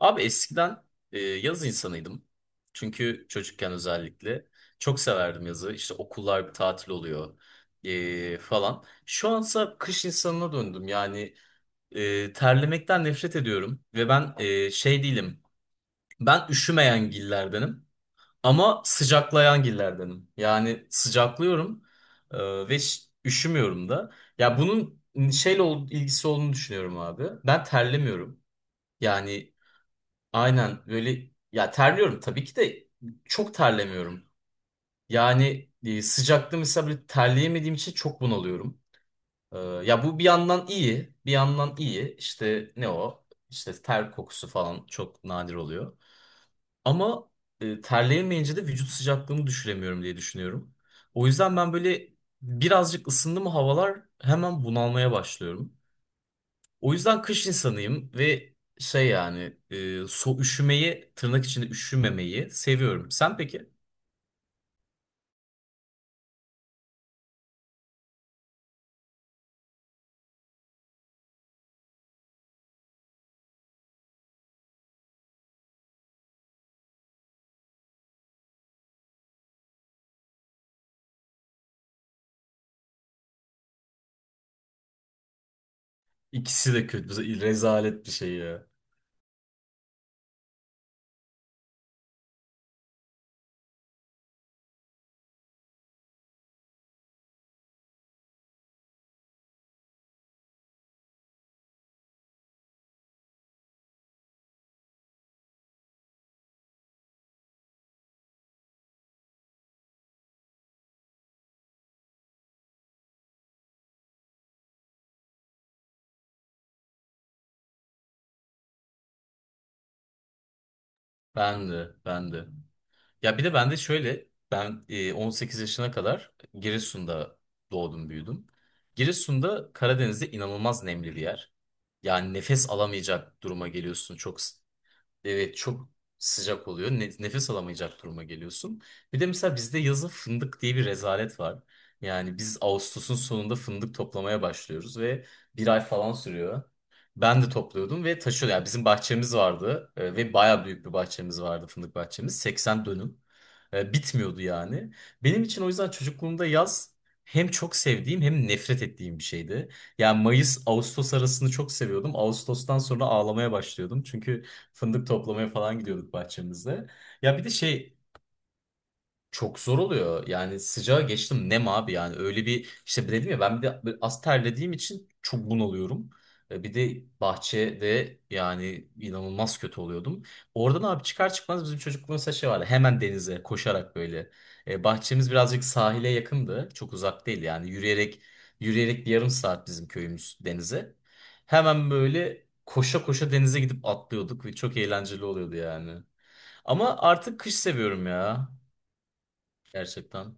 Abi eskiden yaz insanıydım. Çünkü çocukken özellikle çok severdim yazı. İşte okullar bir tatil oluyor falan. Şu ansa kış insanına döndüm. Yani terlemekten nefret ediyorum. Ve ben şey değilim. Ben üşümeyen gillerdenim. Ama sıcaklayan gillerdenim. Yani sıcaklıyorum ve üşümüyorum da. Ya bunun şeyle ilgisi olduğunu düşünüyorum abi. Ben terlemiyorum. Yani aynen böyle ya, terliyorum tabii ki de çok terlemiyorum. Yani sıcakta mesela böyle terleyemediğim için çok bunalıyorum. Ya bu bir yandan iyi, bir yandan iyi. İşte ne o? İşte ter kokusu falan çok nadir oluyor. Ama terleyemeyince de vücut sıcaklığımı düşüremiyorum diye düşünüyorum. O yüzden ben böyle birazcık ısındı mı havalar hemen bunalmaya başlıyorum. O yüzden kış insanıyım ve şey, yani üşümeyi tırnak içinde üşümemeyi seviyorum. Sen peki? İkisi de kötü. Rezalet bir şey ya. Ben de ben de. Ya bir de ben de şöyle, ben 18 yaşına kadar Giresun'da doğdum büyüdüm. Giresun'da, Karadeniz'de, inanılmaz nemli bir yer. Yani nefes alamayacak duruma geliyorsun çok. Evet, çok sıcak oluyor. Nefes alamayacak duruma geliyorsun. Bir de mesela bizde yazın fındık diye bir rezalet var. Yani biz Ağustos'un sonunda fındık toplamaya başlıyoruz ve bir ay falan sürüyor. Ben de topluyordum ve taşıyordum. Yani bizim bahçemiz vardı, ve bayağı büyük bir bahçemiz vardı, fındık bahçemiz. 80 dönüm. Bitmiyordu yani. Benim için o yüzden çocukluğumda yaz hem çok sevdiğim hem nefret ettiğim bir şeydi. Yani Mayıs-Ağustos arasını çok seviyordum. Ağustos'tan sonra ağlamaya başlıyordum. Çünkü fındık toplamaya falan gidiyorduk bahçemizde. Ya bir de şey çok zor oluyor. Yani sıcağa geçtim, nem abi, yani öyle bir, işte dedim ya, ben bir de böyle az terlediğim için çok bunalıyorum. Bir de bahçede yani inanılmaz kötü oluyordum. Oradan abi çıkar çıkmaz bizim çocukluğumuzda şey vardı. Hemen denize koşarak böyle. Bahçemiz birazcık sahile yakındı. Çok uzak değil yani, yürüyerek bir yarım saat bizim köyümüz denize. Hemen böyle koşa koşa denize gidip atlıyorduk ve çok eğlenceli oluyordu yani. Ama artık kış seviyorum ya, gerçekten.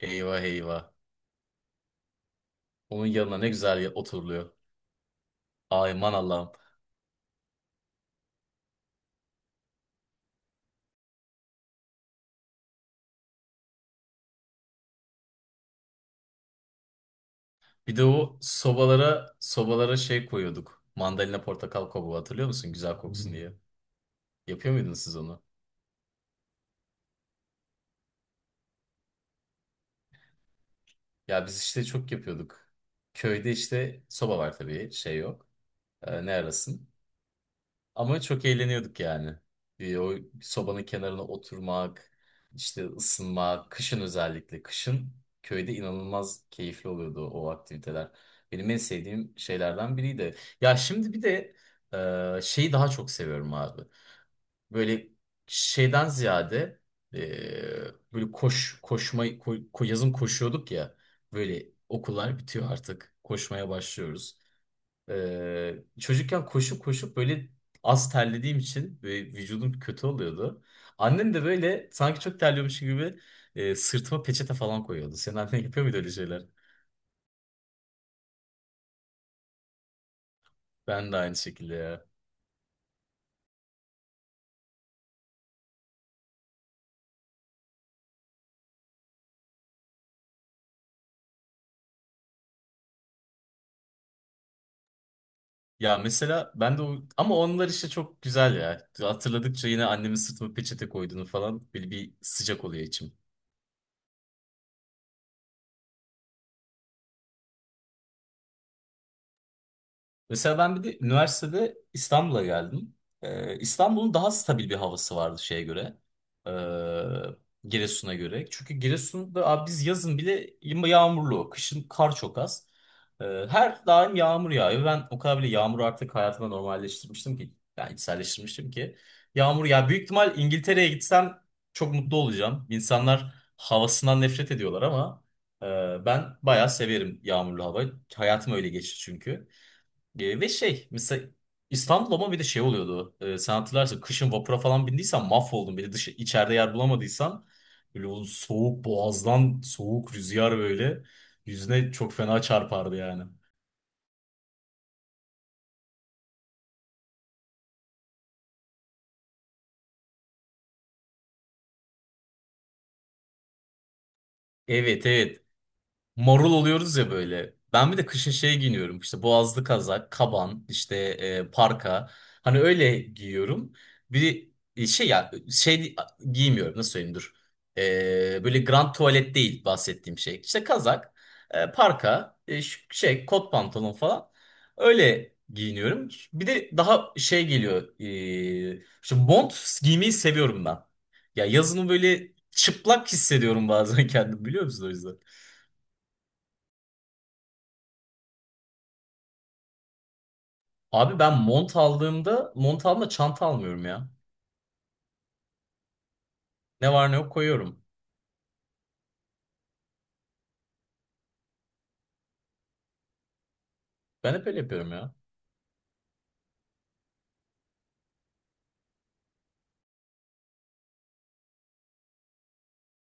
Eyvah eyvah. Onun yanına ne güzel oturuluyor. Aman Allah'ım. Bir de o sobalara şey koyuyorduk. Mandalina, portakal kabuğu, hatırlıyor musun? Güzel koksun, hmm, diye. Yapıyor muydunuz siz onu? Ya biz işte çok yapıyorduk. Köyde işte soba var tabii, şey yok. Ne arasın? Ama çok eğleniyorduk yani. Bir o sobanın kenarına oturmak, işte ısınmak, kışın özellikle. Kışın köyde inanılmaz keyifli oluyordu o aktiviteler. Benim en sevdiğim şeylerden biriydi. Ya şimdi bir de şeyi daha çok seviyorum abi. Böyle şeyden ziyade, e, böyle koş koşma ko- ko- yazın koşuyorduk ya. Böyle okullar bitiyor artık. Koşmaya başlıyoruz. Çocukken koşup koşup böyle az terlediğim için ve vücudum kötü oluyordu. Annem de böyle sanki çok terliyormuş gibi sırtıma peçete falan koyuyordu. Senin annen yapıyor muydu öyle şeyler? Ben de aynı şekilde ya. Ya mesela ben de o... ama onlar işte çok güzel ya. Hatırladıkça yine annemin sırtıma peçete koyduğunu falan böyle bir sıcak oluyor içim. Mesela ben bir de üniversitede İstanbul'a geldim. İstanbul'un daha stabil bir havası vardı şeye göre. Giresun'a göre. Çünkü Giresun'da abi biz yazın bile yağmurlu. Kışın kar çok az. Her daim yağmur yağıyor. Ben o kadar bile yağmuru artık hayatıma normalleştirmiştim ki. Yani içselleştirmiştim ki. Yağmur, ya büyük ihtimal İngiltere'ye gitsem çok mutlu olacağım. İnsanlar havasından nefret ediyorlar ama ben bayağı severim yağmurlu havayı. Hayatım öyle geçti çünkü. Ve şey mesela İstanbul, ama bir de şey oluyordu. E, sen hatırlarsın kışın vapura falan bindiysen mahvoldun. Bir de dışı, içeride yer bulamadıysan, böyle o soğuk, boğazdan soğuk rüzgar böyle yüzüne çok fena çarpardı yani. Evet evet, marul oluyoruz ya böyle. Ben bir de kışın şey giyiniyorum. İşte boğazlı kazak, kaban, işte parka. Hani öyle giyiyorum. Bir, şey, ya şey giymiyorum, nasıl söyleyeyim, dur. E, böyle grand tuvalet değil bahsettiğim şey. İşte kazak, parka, şey, kot pantolon falan. Öyle giyiniyorum. Bir de daha şey geliyor. E, şu mont giymeyi seviyorum ben. Ya yazın böyle çıplak hissediyorum bazen kendimi, biliyor musun, o yüzden? Abi ben mont aldığımda çanta almıyorum ya. Ne var ne yok koyuyorum. Ben hep öyle yapıyorum ya.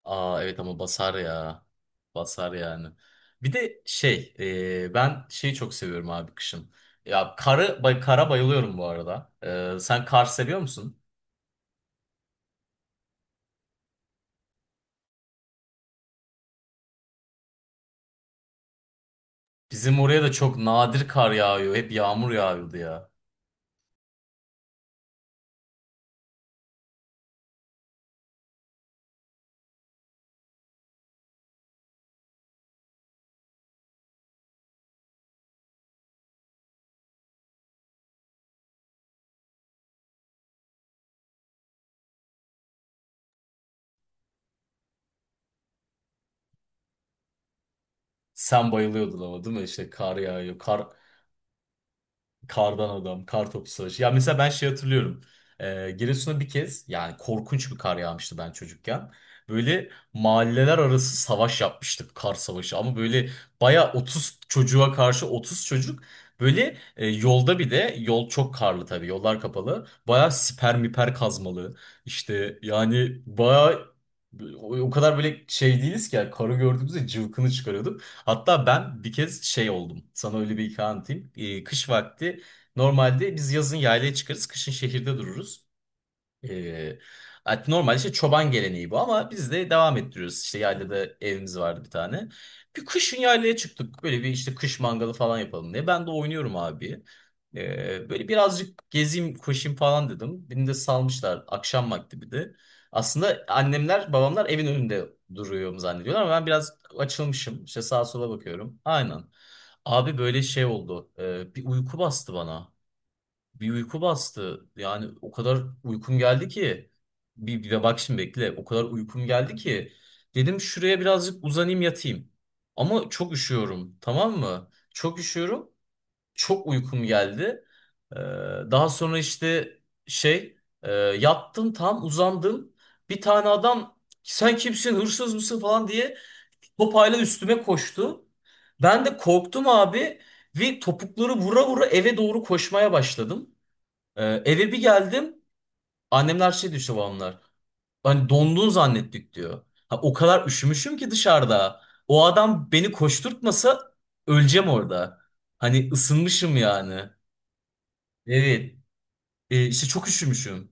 Aa evet, ama basar ya. Basar yani. Bir de şey, ben şeyi çok seviyorum abi kışın. Ya kara bayılıyorum bu arada. E, sen kar seviyor musun? Bizim oraya da çok nadir kar yağıyor. Hep yağmur yağıyordu ya. Sen bayılıyordun ama değil mi? İşte kar yağıyor. Kar, kardan adam, kar topu savaşı. Ya mesela ben şey hatırlıyorum. Giresun'a bir kez yani korkunç bir kar yağmıştı ben çocukken. Böyle mahalleler arası savaş yapmıştık, kar savaşı. Ama böyle baya 30 çocuğa karşı 30 çocuk. Böyle yolda, bir de yol çok karlı tabii, yollar kapalı. Baya siper miper kazmalı. İşte yani baya o kadar böyle şey değiliz ki yani, karı gördüğümüzde cıvkını çıkarıyorduk. Hatta ben bir kez şey oldum. Sana öyle bir hikaye anlatayım. Kış vakti, normalde biz yazın yaylaya çıkarız, kışın şehirde dururuz. Ee, normal işte çoban geleneği bu, ama biz de devam ettiriyoruz. İşte yaylada evimiz vardı bir tane. Bir kışın yaylaya çıktık. Böyle bir işte kış mangalı falan yapalım diye. Ben de oynuyorum abi. Böyle birazcık gezeyim, koşayım falan dedim. Beni de salmışlar akşam vakti bir de. Aslında annemler, babamlar evin önünde duruyorum zannediyorlar ama ben biraz açılmışım. İşte sağa sola bakıyorum. Aynen. Abi böyle şey oldu. Bir uyku bastı bana. Bir uyku bastı. Yani o kadar uykum geldi ki. Bir, bir de bak şimdi bekle. O kadar uykum geldi ki. Dedim şuraya birazcık uzanayım, yatayım. Ama çok üşüyorum. Tamam mı? Çok üşüyorum. Çok uykum geldi. Ee, daha sonra işte şey, yattım, tam uzandım. Bir tane adam, sen kimsin, hırsız mısın falan diye topayla üstüme koştu. Ben de korktum abi ve topukları vura vura eve doğru koşmaya başladım. Eve bir geldim. Annemler şey diyor, işte babamlar, hani dondun zannettik diyor. Ha, o kadar üşümüşüm ki dışarıda. O adam beni koşturtmasa öleceğim orada. Hani ısınmışım yani. Evet. İşte çok üşümüşüm.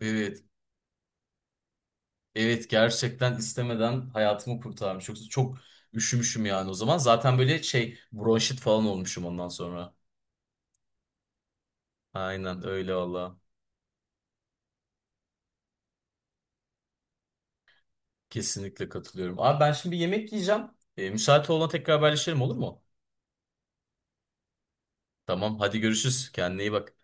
Evet. Evet, gerçekten istemeden hayatımı kurtarmış. Yoksa çok üşümüşüm yani o zaman. Zaten böyle şey, bronşit falan olmuşum ondan sonra. Aynen öyle valla. Kesinlikle katılıyorum. Abi ben şimdi yemek yiyeceğim. Müsait olana tekrar haberleşelim, olur mu? Tamam hadi görüşürüz. Kendine iyi bak.